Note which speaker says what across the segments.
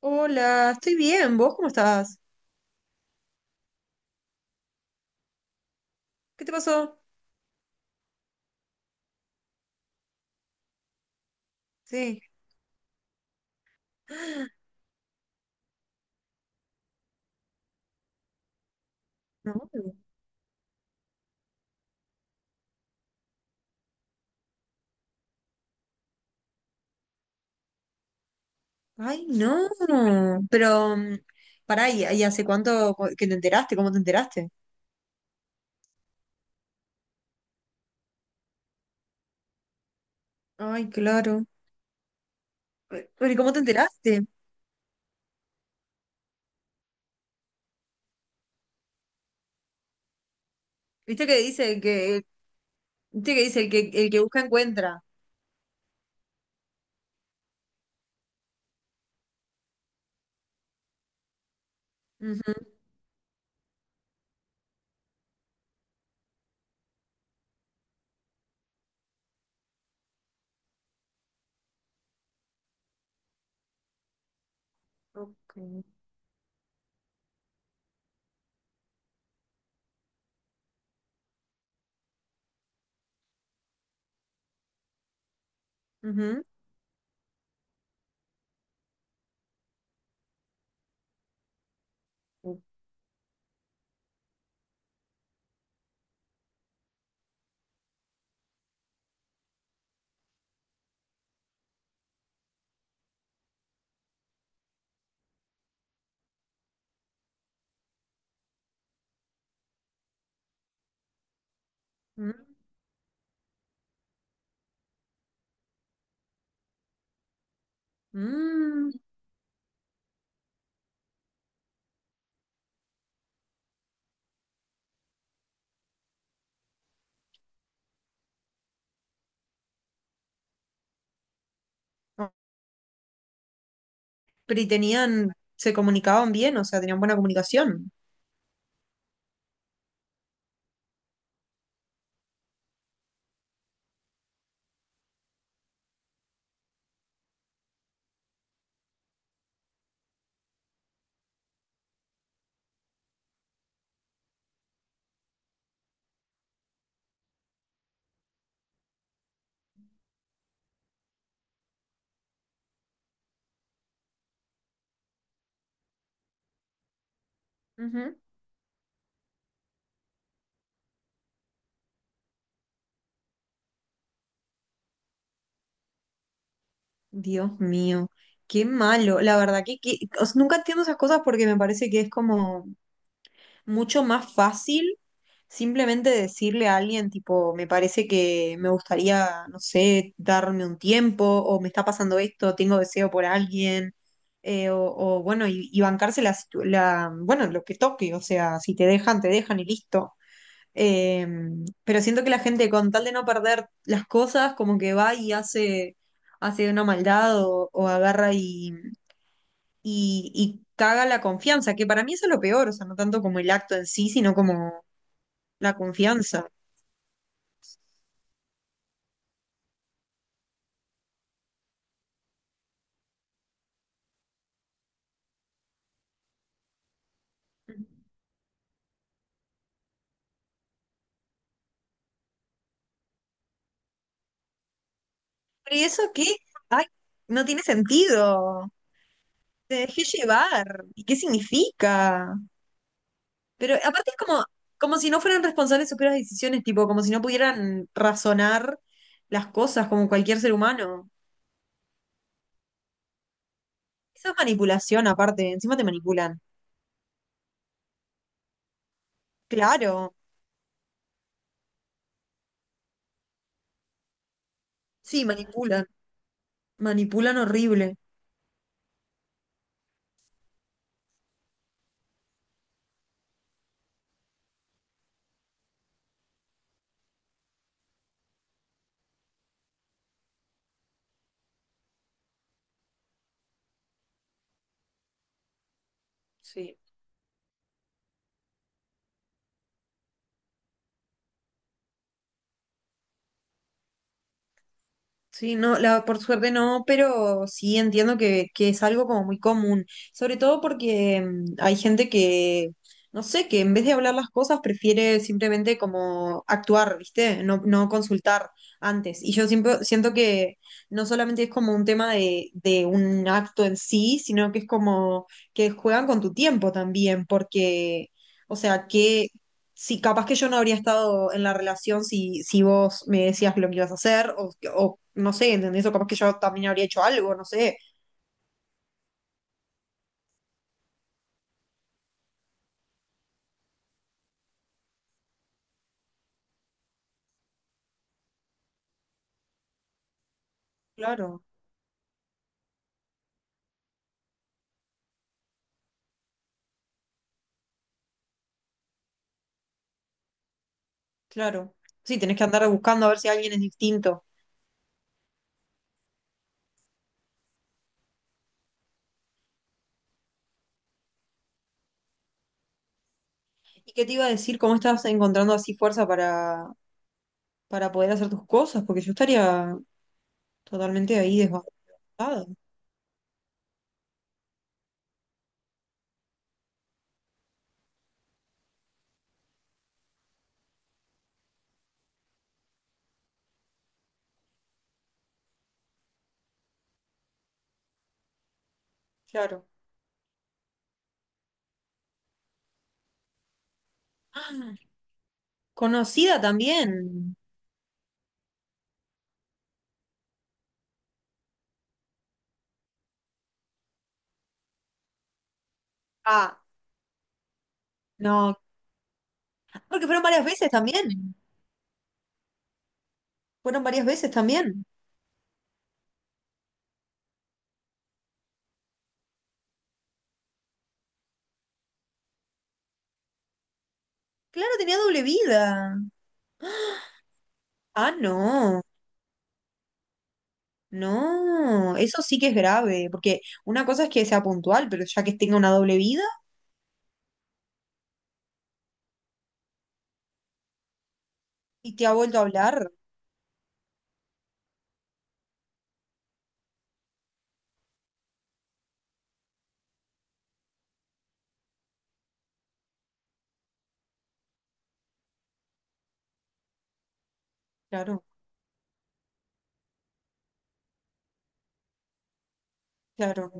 Speaker 1: Hola, estoy bien. ¿Vos cómo estás? ¿Qué te pasó? Sí. ¡Ah! No. Ay, no. Pero, pará, ¿y hace cuánto que te enteraste? ¿Cómo te enteraste? Ay, claro. Pero, ¿y cómo te enteraste? ¿Viste que dice que, viste que dice el que busca encuentra? Ujú. Ok. Ujú. Mm. Mm. Pero y tenían, se comunicaban bien, o sea, tenían buena comunicación. Dios mío, qué malo. La verdad que o sea, nunca entiendo esas cosas porque me parece que es como mucho más fácil simplemente decirle a alguien, tipo, me parece que me gustaría, no sé, darme un tiempo, o me está pasando esto, tengo deseo por alguien, bueno, y bancarse la, bueno, lo que toque, o sea, si te dejan, te dejan y listo. Eh, pero siento que la gente, con tal de no perder las cosas, como que va y hace, hace una maldad o agarra y caga la confianza, que para mí eso es lo peor, o sea, no tanto como el acto en sí, sino como la confianza. Pero ¿y eso qué? Ay, no tiene sentido. Te dejé llevar. ¿Y qué significa? Pero aparte es como, como si no fueran responsables de sus propias decisiones, tipo, como si no pudieran razonar las cosas como cualquier ser humano. Eso es manipulación aparte, encima te manipulan. Claro, sí, manipulan, manipulan horrible. Sí. Sí, no, la, por suerte no, pero sí entiendo que es algo como muy común, sobre todo porque hay gente que, no sé, que en vez de hablar las cosas prefiere simplemente como actuar, ¿viste? No, no consultar antes. Y yo siempre siento que no solamente es como un tema de un acto en sí, sino que es como que juegan con tu tiempo también, porque, o sea, sí, capaz que yo no habría estado en la relación si vos me decías lo que ibas a hacer, o no sé, ¿entendés? O capaz que yo también habría hecho algo, no sé. Claro, claro. Sí, tenés que andar buscando a ver si alguien es distinto. ¿Y qué te iba a decir? ¿Cómo estás encontrando así fuerza para poder hacer tus cosas? Porque yo estaría totalmente ahí desbastada. Claro. Ah, conocida también. Ah, no. Porque fueron varias veces también. Fueron varias veces también. Claro, tenía doble vida. Ah, no, no, eso sí que es grave, porque una cosa es que sea puntual, pero ya que tenga una doble vida y te ha vuelto a hablar, claro, claro.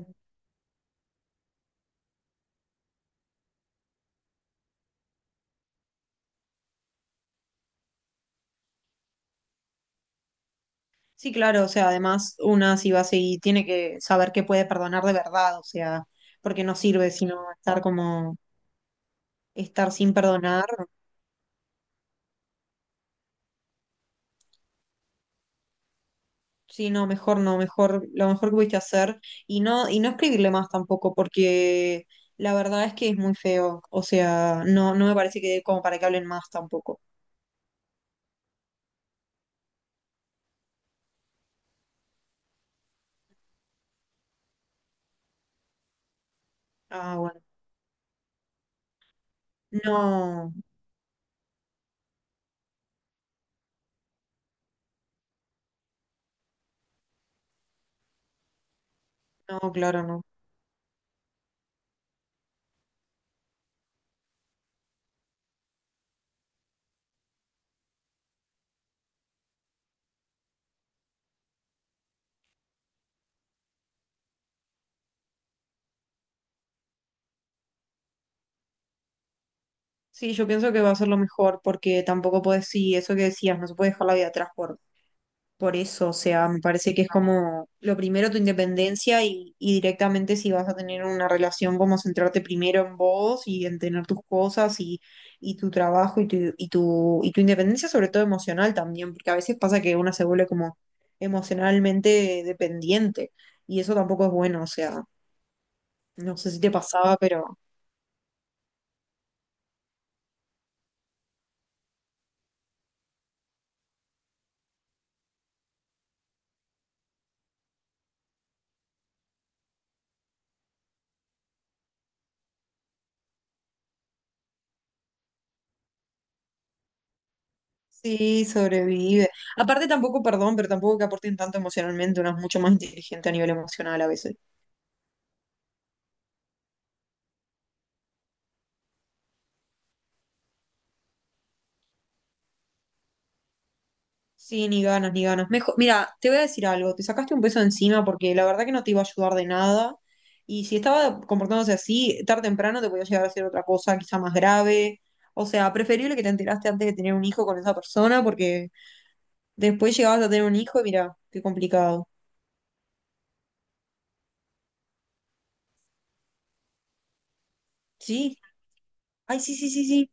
Speaker 1: Sí, claro, o sea, además una si va a seguir, tiene que saber que puede perdonar de verdad, o sea, porque no sirve sino estar como, estar sin perdonar. Sí, no, mejor no, mejor, lo mejor que pudiste hacer y no escribirle más tampoco, porque la verdad es que es muy feo, o sea, no, no me parece que dé como para que hablen más tampoco. Ah, bueno. No, no, claro, no. Sí, yo pienso que va a ser lo mejor porque tampoco puedes, sí, eso que decías, no se puede dejar la vida atrás por eso, o sea, me parece que es como lo primero tu independencia y directamente si vas a tener una relación, como centrarte primero en vos y en tener tus cosas y tu trabajo y tu, y tu, y tu independencia, sobre todo emocional también, porque a veces pasa que una se vuelve como emocionalmente dependiente y eso tampoco es bueno, o sea, no sé si te pasaba, pero... Sí, sobrevive. Aparte tampoco, perdón, pero tampoco que aporten tanto emocionalmente, uno es mucho más inteligente a nivel emocional a veces. Sí, ni ganas, ni ganas. Mejor, mira, te voy a decir algo, te sacaste un peso de encima porque la verdad que no te iba a ayudar de nada. Y si estaba comportándose así, tarde o temprano te podía llegar a hacer otra cosa, quizá más grave. O sea, preferible que te enteraste antes de tener un hijo con esa persona porque después llegabas a tener un hijo y mira, qué complicado. Sí, ay, sí, sí, sí, sí.